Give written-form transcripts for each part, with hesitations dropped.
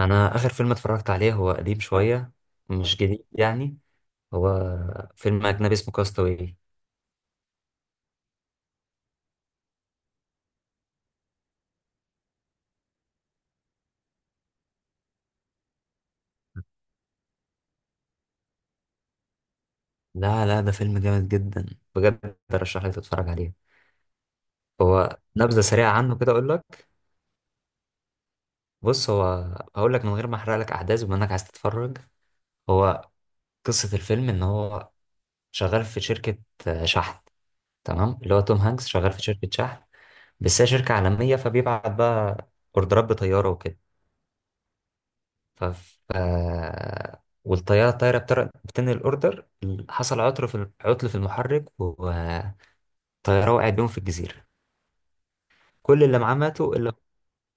انا اخر فيلم اتفرجت عليه هو قديم شويه، مش جديد يعني. هو فيلم اجنبي اسمه كاستاوي. لا لا، ده فيلم جامد جدا، بجد ارشح لك تتفرج عليه. هو نبذه سريعه عنه كده اقول لك. بص، هو هقول لك من غير ما احرق لك احداث بما انك عايز تتفرج. هو قصه الفيلم ان هو شغال في شركه، شحن. تمام، اللي هو توم هانكس شغال في شركه شحن، بس هي شركه عالميه، فبيبعت بقى اوردرات بطياره وكده. ف ف- والطيارة الطايرة بتنقل الأوردر. حصل عطر في عطل في المحرك والطيارة وقعت بيهم في الجزيرة. كل اللي معاه ماتوا إلا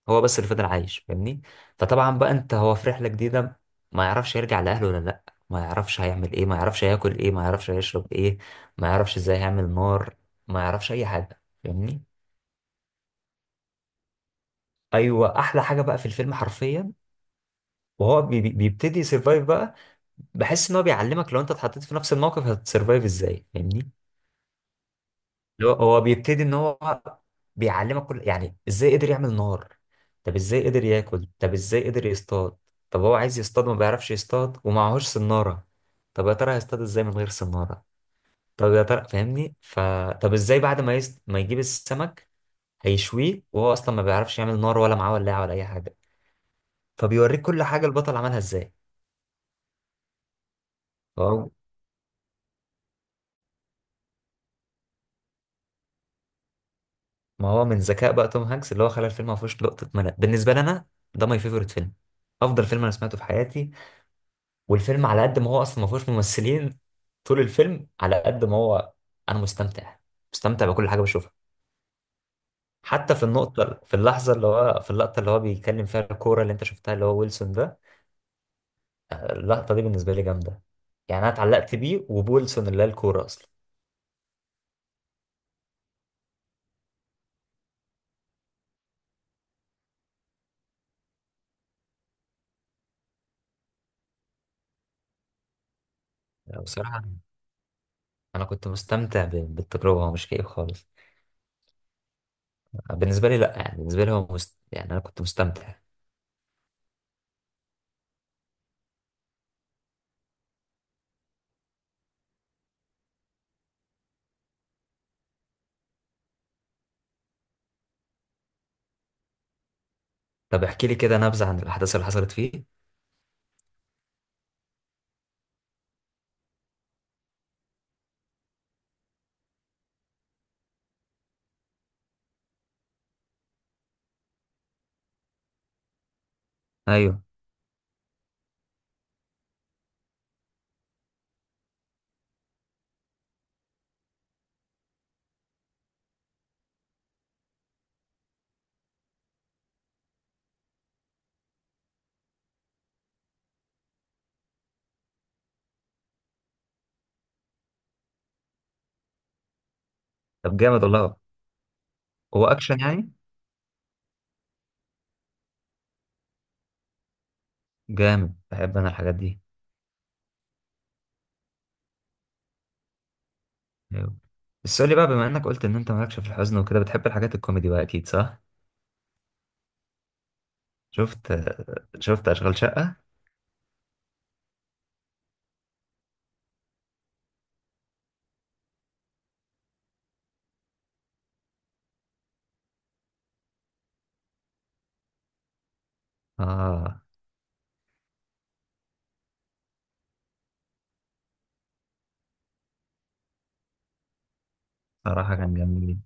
هو بس اللي فضل عايش، فاهمني. فطبعا بقى أنت هو في رحلة جديدة، ما يعرفش يرجع لأهله ولا لأ، ما يعرفش هيعمل إيه، ما يعرفش هياكل إيه، ما يعرفش هيشرب إيه، ما يعرفش إزاي هيعمل نار، ما يعرفش أي حاجة، فاهمني. أيوة، أحلى حاجة بقى في الفيلم حرفيا، وهو بيبتدي يسرفايف بقى. بحس ان هو بيعلمك لو انت اتحطيت في نفس الموقف هتسرفايف ازاي، فاهمني. اللي هو بيبتدي ان هو بيعلمك كل، يعني ازاي قدر يعمل نار، طب ازاي قدر ياكل، طب ازاي قدر يصطاد، طب هو عايز يصطاد ما بيعرفش يصطاد ومعهوش سنارة، طب يا ترى هيصطاد ازاي من غير سنارة، طب يا ترى فاهمني. طب ازاي بعد ما ما يجيب السمك هيشويه، وهو اصلا ما بيعرفش يعمل نار ولا معاه ولاعة ولا اي حاجة. فبيوريك كل حاجة البطل عملها ازاي. ما هو من ذكاء بقى توم هانكس اللي هو خلى الفيلم ما فيهوش لقطه ملل بالنسبه لي انا. ده ماي فيفورت فيلم، افضل فيلم انا سمعته في حياتي. والفيلم على قد ما هو اصلا ما فيهوش ممثلين، طول الفيلم على قد ما هو انا مستمتع، مستمتع بكل حاجه بشوفها. حتى في النقطه، في اللحظه اللي هو في اللقطه اللي هو بيتكلم فيها الكوره اللي انت شفتها اللي هو ويلسون ده، اللقطه دي بالنسبه لي جامده. يعني انا اتعلقت بيه وبويلسون اللي هي الكوره اصلا. لا، بصراحه انا كنت مستمتع بالتجربه، هو مش كئيب خالص. بالنسبه لي لا، يعني بالنسبه لي هو يعني انا كنت مستمتع. طب احكي لي كده نبذة عن الأحداث اللي حصلت فيه. أيوه. طب جامد والله. هو أكشن يعني؟ جامد، بحب أنا الحاجات دي. أيوه. بس قول لي بقى، بما إنك قلت إن أنت مالكش في الحزن وكده بتحب الحاجات الكوميدي بقى، أكيد صح؟ شفت؟ شفت أشغال شقة؟ آه. صراحة كان جميل.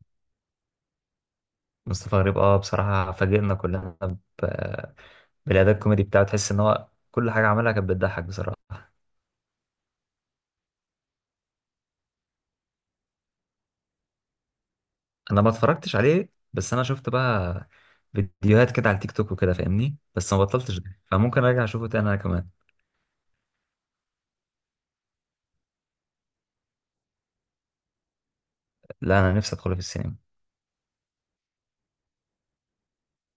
مصطفى غريب، بصراحة فاجئنا كلنا ب... بالأداء الكوميدي بتاعه، تحس إن هو كل حاجة عملها كانت بتضحك بصراحة. انا ما اتفرجتش عليه بس انا شفت بقى فيديوهات كده على التيك توك وكده فاهمني، بس ما بطلتش ده، فممكن ارجع اشوفه تاني انا كمان. لا، انا نفسي ادخله في السينما.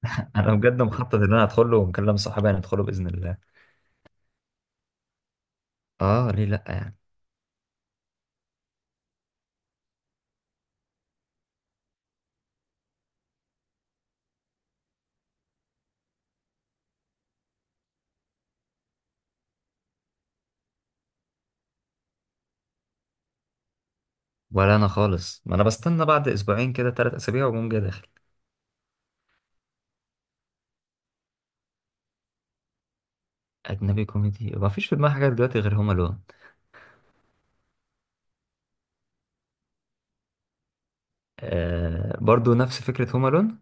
انا بجد مخطط ان انا ادخله، ومكلم صحابي هندخله باذن الله. اه، ليه لا يعني. ولا انا خالص، ما انا بستنى بعد اسبوعين كده، 3 أسابيع، واقوم جاي داخل. اجنبي كوميدي، ما فيش في دماغي حاجه دلوقتي غير هوم الون. آه، برضو نفس فكره هوم الون.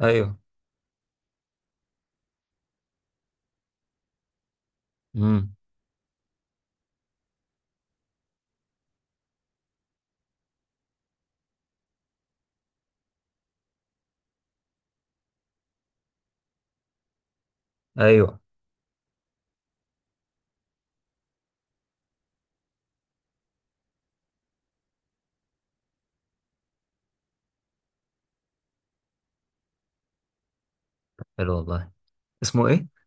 ايوه. امم. ايوه. حلو والله. اسمه ايه؟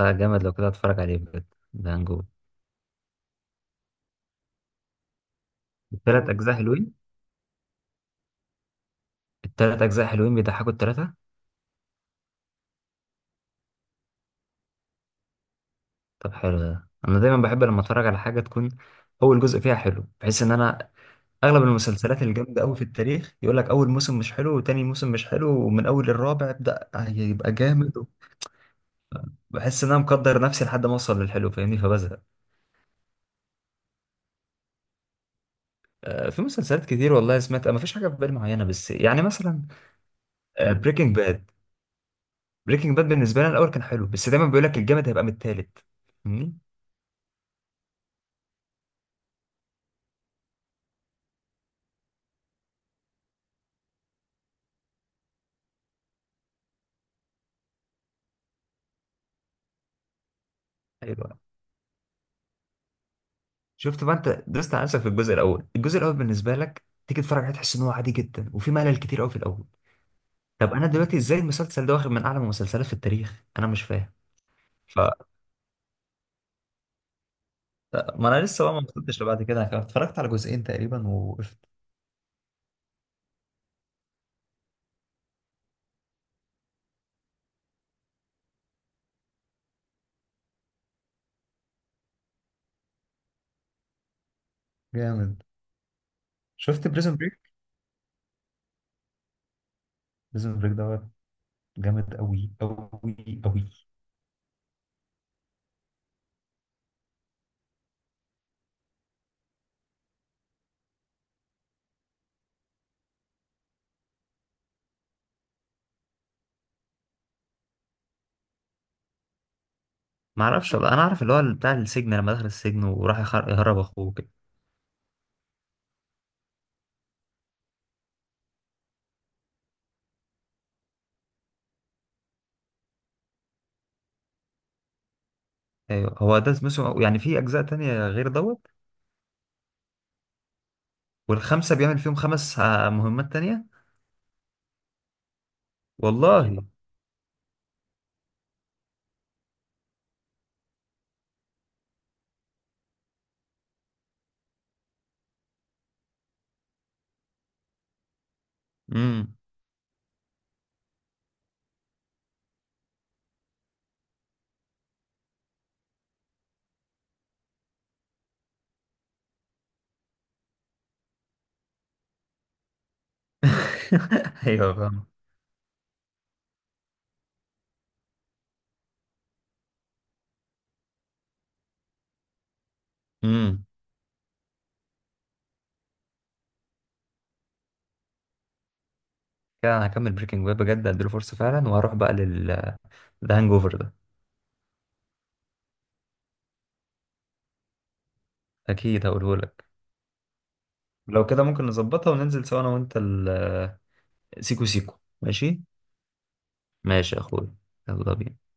آه، جامد. لو كده اتفرج عليه بجد. ده هنجو، ثلاث اجزاء حلوين، التلات أجزاء حلوين، بيضحكوا التلاتة. طب حلو. ده أنا دايما بحب لما أتفرج على حاجة تكون أول جزء فيها حلو، بحيث إن أنا أغلب المسلسلات الجامدة أوي في التاريخ يقول لك أول موسم مش حلو، وتاني موسم مش حلو، ومن أول الرابع ابدأ هيبقى جامد. بحس إن أنا مقدر نفسي لحد ما أوصل للحلو، فاهمني، فبزهق. في مسلسلات كتير والله سمعت، ما فيش حاجة في بالي معينة، بس يعني مثلا بريكنج باد. بريكنج باد بالنسبة لي أنا الأول كان حلو، بس دايما بيقول لك الجامد هيبقى من التالت، فاهمني؟ أيوة. شفت بقى، انت دوست على نفسك في الجزء الاول. الجزء الاول بالنسبه لك تيجي تتفرج عليه تحس ان هو عادي جدا وفي ملل كتير قوي في الاول. طب انا دلوقتي ازاي المسلسل ده واخد من اعلى المسلسلات في التاريخ؟ انا مش فاهم. ف ما انا لسه بقى ما وصلتش لبعد كده، انا اتفرجت على جزئين تقريبا ووقفت. جامد. شفت بريزون بريك؟ بريزون بريك ده جامد قوي قوي قوي. ما اعرفش بقى، انا اعرف اللي هو بتاع السجن لما دخل السجن وراح يهرب اخوه كده. ايوه، هو ده اسمه يعني، في اجزاء تانية غير دوت؟ والخمسه بيعمل فيهم خمس مهمات تانية. والله. امم. ايوه فاهم. امم. كده انا هكمل بريكنج باد بجد، اديله فرصه فعلا. وهروح بقى لل ده هانج اوفر ده. اكيد هقوله لك. لو كده ممكن نظبطها وننزل سوا انا وانت، ال سيكو سيكو ماشي. ماشي يا اخويا. يلا بينا.